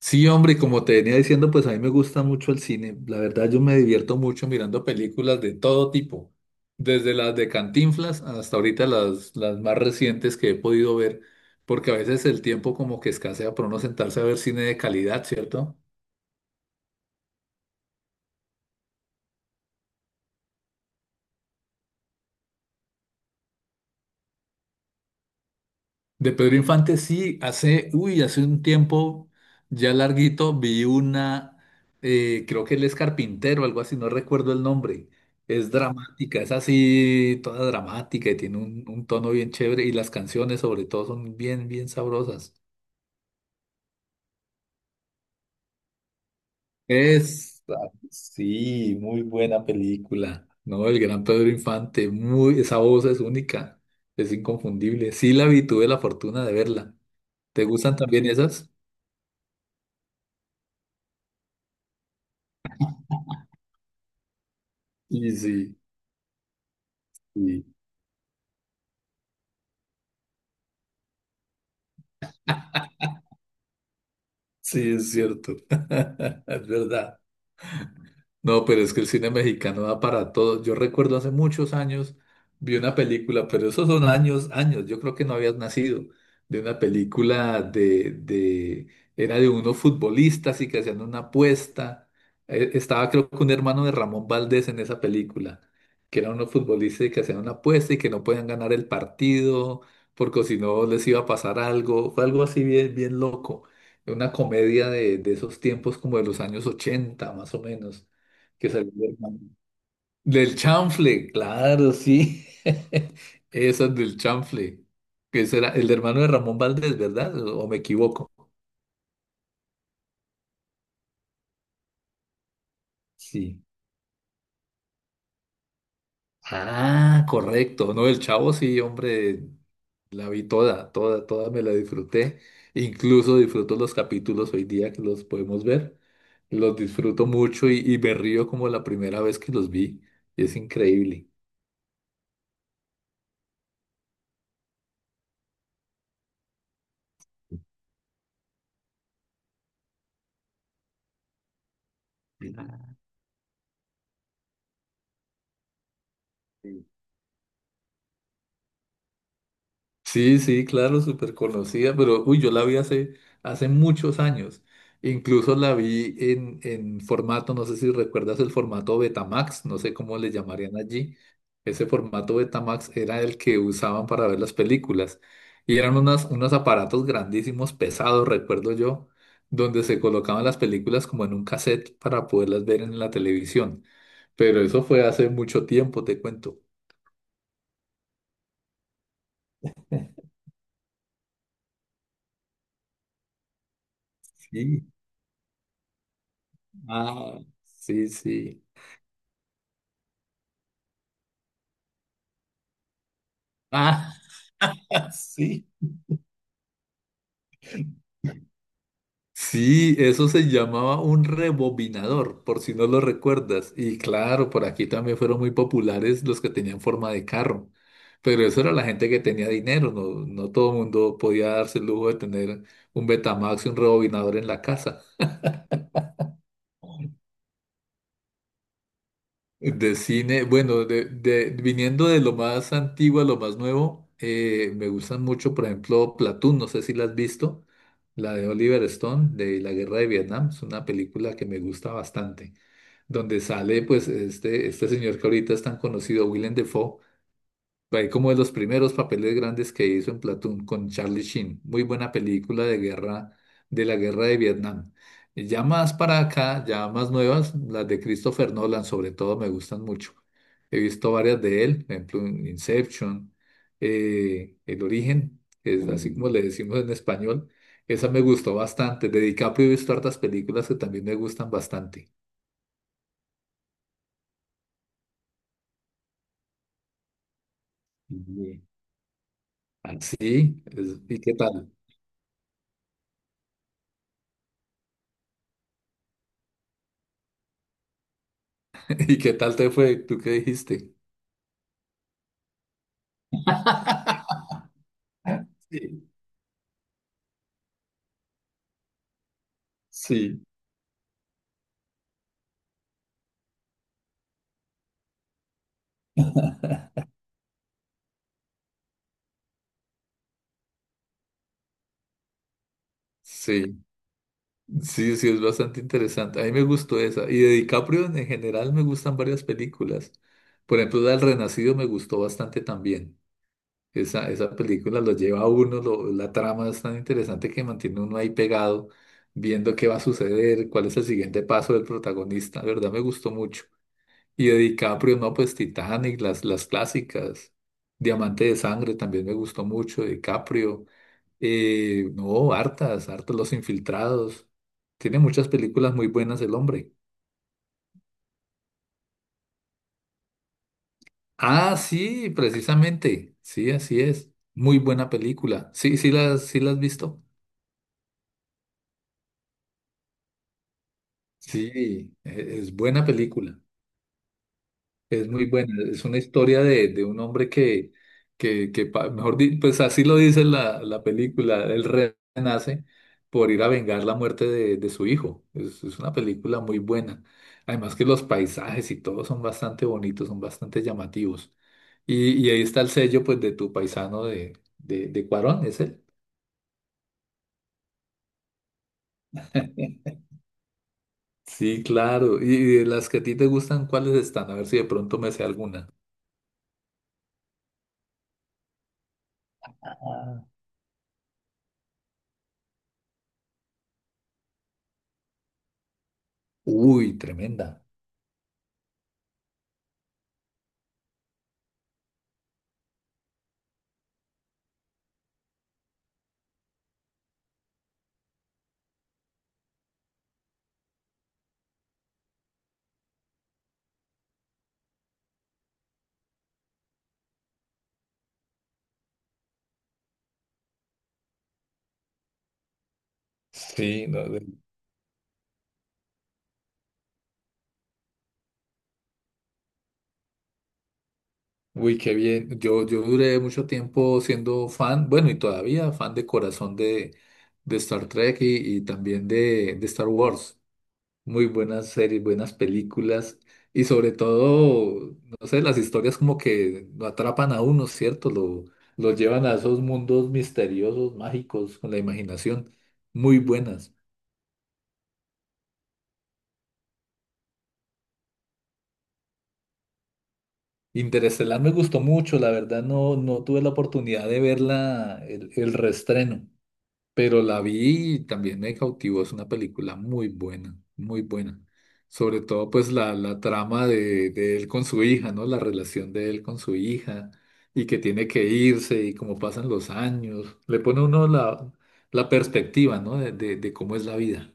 Sí, hombre, y como te venía diciendo, pues a mí me gusta mucho el cine. La verdad, yo me divierto mucho mirando películas de todo tipo, desde las de Cantinflas hasta ahorita las más recientes que he podido ver, porque a veces el tiempo como que escasea para uno sentarse a ver cine de calidad, ¿cierto? De Pedro Infante sí, hace, uy, hace un tiempo ya larguito vi una, creo que él es carpintero, algo así, no recuerdo el nombre. Es dramática, es así, toda dramática y tiene un tono bien chévere y las canciones sobre todo son bien, bien sabrosas. Es, ah, sí, muy buena película, ¿no? El gran Pedro Infante, muy, esa voz es única, es inconfundible. Sí la vi, tuve la fortuna de verla. ¿Te gustan también esas? Sí, sí. Sí. Sí, es cierto. Es verdad. No, pero es que el cine mexicano da para todo. Yo recuerdo hace muchos años vi una película, pero esos son años, años. Yo creo que no habías nacido. De una película de, era de unos futbolistas y que hacían una apuesta. Estaba creo que un hermano de Ramón Valdés en esa película, que eran unos futbolistas y que hacían una apuesta y que no podían ganar el partido porque si no les iba a pasar algo. Fue algo así bien, bien loco. Una comedia de esos tiempos como de los años 80 más o menos que salió del chanfle, claro, sí. Esas del chanfle, que será el hermano de Ramón Valdés, ¿verdad? ¿O me equivoco? Sí. Ah, correcto. No, el Chavo sí, hombre, la vi toda, toda, toda me la disfruté. Incluso disfruto los capítulos hoy día que los podemos ver. Los disfruto mucho y me río como la primera vez que los vi. Es increíble. Sí, sí, claro, súper conocida, pero uy, yo la vi hace, hace muchos años. Incluso la vi en formato, no sé si recuerdas el formato Betamax, no sé cómo le llamarían allí. Ese formato Betamax era el que usaban para ver las películas. Y eran unas, unos aparatos grandísimos, pesados, recuerdo yo, donde se colocaban las películas como en un cassette para poderlas ver en la televisión. Pero eso fue hace mucho tiempo, te cuento. Sí. Ah, sí, sí. Ah. Sí. Sí, eso se llamaba un rebobinador, por si no lo recuerdas. Y claro, por aquí también fueron muy populares los que tenían forma de carro. Pero eso era la gente que tenía dinero, no, no todo el mundo podía darse el lujo de tener un Betamax y un rebobinador en la casa. De cine, bueno, viniendo de lo más antiguo a lo más nuevo, me gustan mucho, por ejemplo, Platoon, no sé si la has visto, la de Oliver Stone, de la Guerra de Vietnam, es una película que me gusta bastante. Donde sale pues este señor que ahorita es tan conocido, Willem Dafoe, ahí como de los primeros papeles grandes que hizo en Platoon con Charlie Sheen, muy buena película de guerra, de la guerra de Vietnam. Y ya más para acá, ya más nuevas, las de Christopher Nolan sobre todo me gustan mucho. He visto varias de él, por ejemplo Inception, El Origen, que es así como le decimos en español. Esa me gustó bastante. De DiCaprio he visto hartas películas que también me gustan bastante. Ah, sí, es- ¿y qué tal? ¿Y qué tal te fue? ¿Tú qué dijiste? Sí. Sí, sí, sí, sí, es bastante interesante. A mí me gustó esa. Y de DiCaprio en general me gustan varias películas. Por ejemplo, la del Renacido me gustó bastante también. Esa película lo lleva a uno, lo- la trama es tan interesante que mantiene uno ahí pegado, viendo qué va a suceder, cuál es el siguiente paso del protagonista. La verdad me gustó mucho. Y de DiCaprio, no, pues Titanic, las clásicas. Diamante de Sangre también me gustó mucho, de DiCaprio. No, hartas, hartas Los Infiltrados. Tiene muchas películas muy buenas el hombre. Ah, sí, precisamente. Sí, así es. Muy buena película. Sí las has visto. Sí, e- es buena película. Es muy buena, es una historia de un hombre que pa- mejor di- pues así lo dice la película, él renace por ir a vengar la muerte de su hijo. Es una película muy buena. Además que los paisajes y todo son bastante bonitos, son bastante llamativos. Y ahí está el sello pues de tu paisano de Cuarón, ¿es él? Sí, claro. Y de las que a ti te gustan, ¿cuáles están? A ver si de pronto me sé alguna. Ah. Uy, tremenda. Sí, no, uy, qué bien. Yo duré mucho tiempo siendo fan, bueno, y todavía fan de corazón de Star Trek y también de Star Wars. Muy buenas series, buenas películas y sobre todo, no sé, las historias como que lo atrapan a uno, ¿cierto? Lo llevan a esos mundos misteriosos, mágicos, con la imaginación. Muy buenas. Interestelar me gustó mucho, la verdad no, no tuve la oportunidad de verla, el reestreno. Pero la vi y también me cautivó. Es una película muy buena, muy buena. Sobre todo, pues, la trama de él con su hija, ¿no? La relación de él con su hija y que tiene que irse y cómo pasan los años. Le pone a uno la perspectiva, ¿no? De cómo es la vida.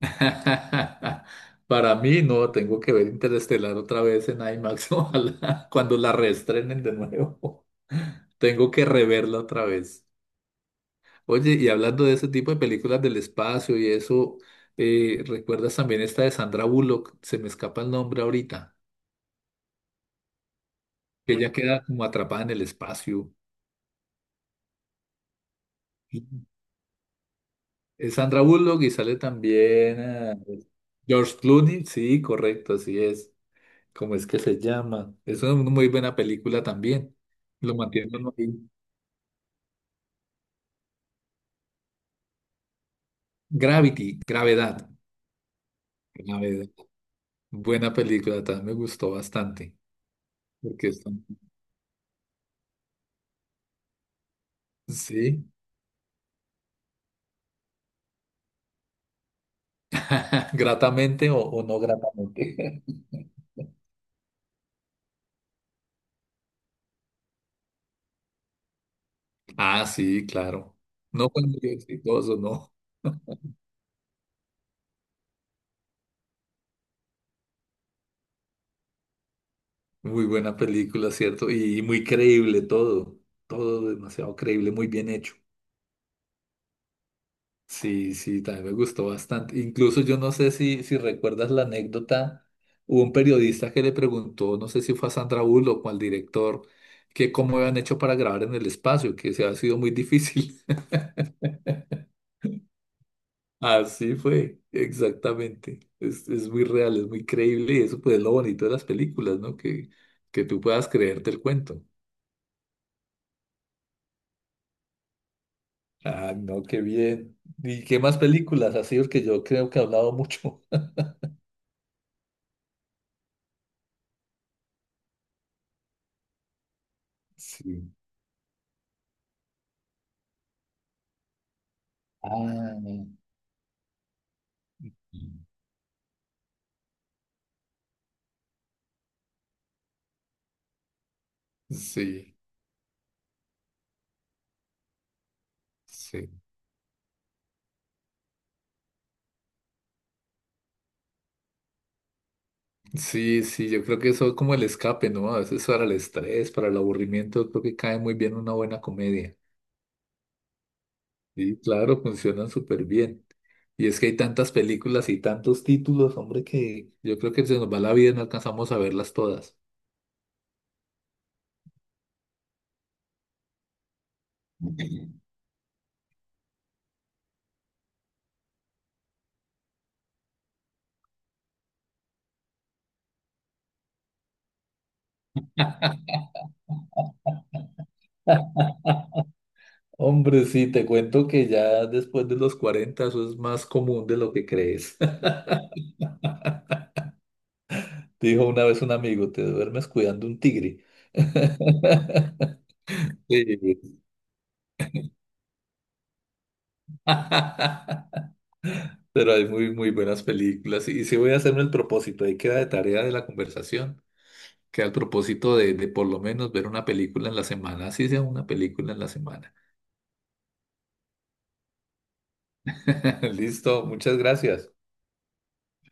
Para mí, no, tengo que ver Interestelar otra vez en IMAX, ojalá, cuando la reestrenen de nuevo. Tengo que reverla otra vez. Oye, y hablando de ese tipo de películas del espacio y eso, ¿recuerdas también esta de Sandra Bullock? Se me escapa el nombre ahorita, que ella queda como atrapada en el espacio. Es Sandra Bullock y sale también ah, George Clooney, sí, correcto, así es. ¿Cómo es que se llama? Es una muy buena película también. Lo mantiene uno ahí. Gravity, Gravedad, Gravedad. Buena película, también me gustó bastante. Porque son sí. Gratamente o no gratamente. Ah, sí, claro. No, fue muy exitoso, no. Muy buena película, ¿cierto? Y, muy creíble todo. Todo demasiado creíble, muy bien hecho. Sí, sí, también me gustó bastante. Incluso yo no sé si, si recuerdas la anécdota, hubo un periodista que le preguntó, no sé si fue a Sandra Bullock o al director, que cómo habían hecho para grabar en el espacio, que se ha sido muy difícil. Así fue, exactamente. Es muy real, es muy creíble y eso pues es lo bonito de las películas, ¿no? Que tú puedas creerte el cuento. Ah, no, qué bien. ¿Y qué más películas? Así porque yo creo que he hablado mucho. Sí. Ah, sí, sí. Sí, sí, yo creo que eso es como el escape, ¿no? A veces para el estrés, para el aburrimiento, creo que cae muy bien una buena comedia. Sí, claro, funcionan súper bien. Y es que hay tantas películas y tantos títulos, hombre, que yo creo que se nos va la vida y no alcanzamos a verlas todas. Hombre, sí, te cuento que ya después de los 40 eso es más común de lo que crees. Dijo una vez un amigo, te duermes cuidando un tigre. Sí. Pero hay muy, muy buenas películas. Y sí voy a hacerme el propósito, ahí queda de tarea de la conversación, que al propósito de por lo menos ver una película en la semana, así sea una película en la semana. Listo, muchas gracias.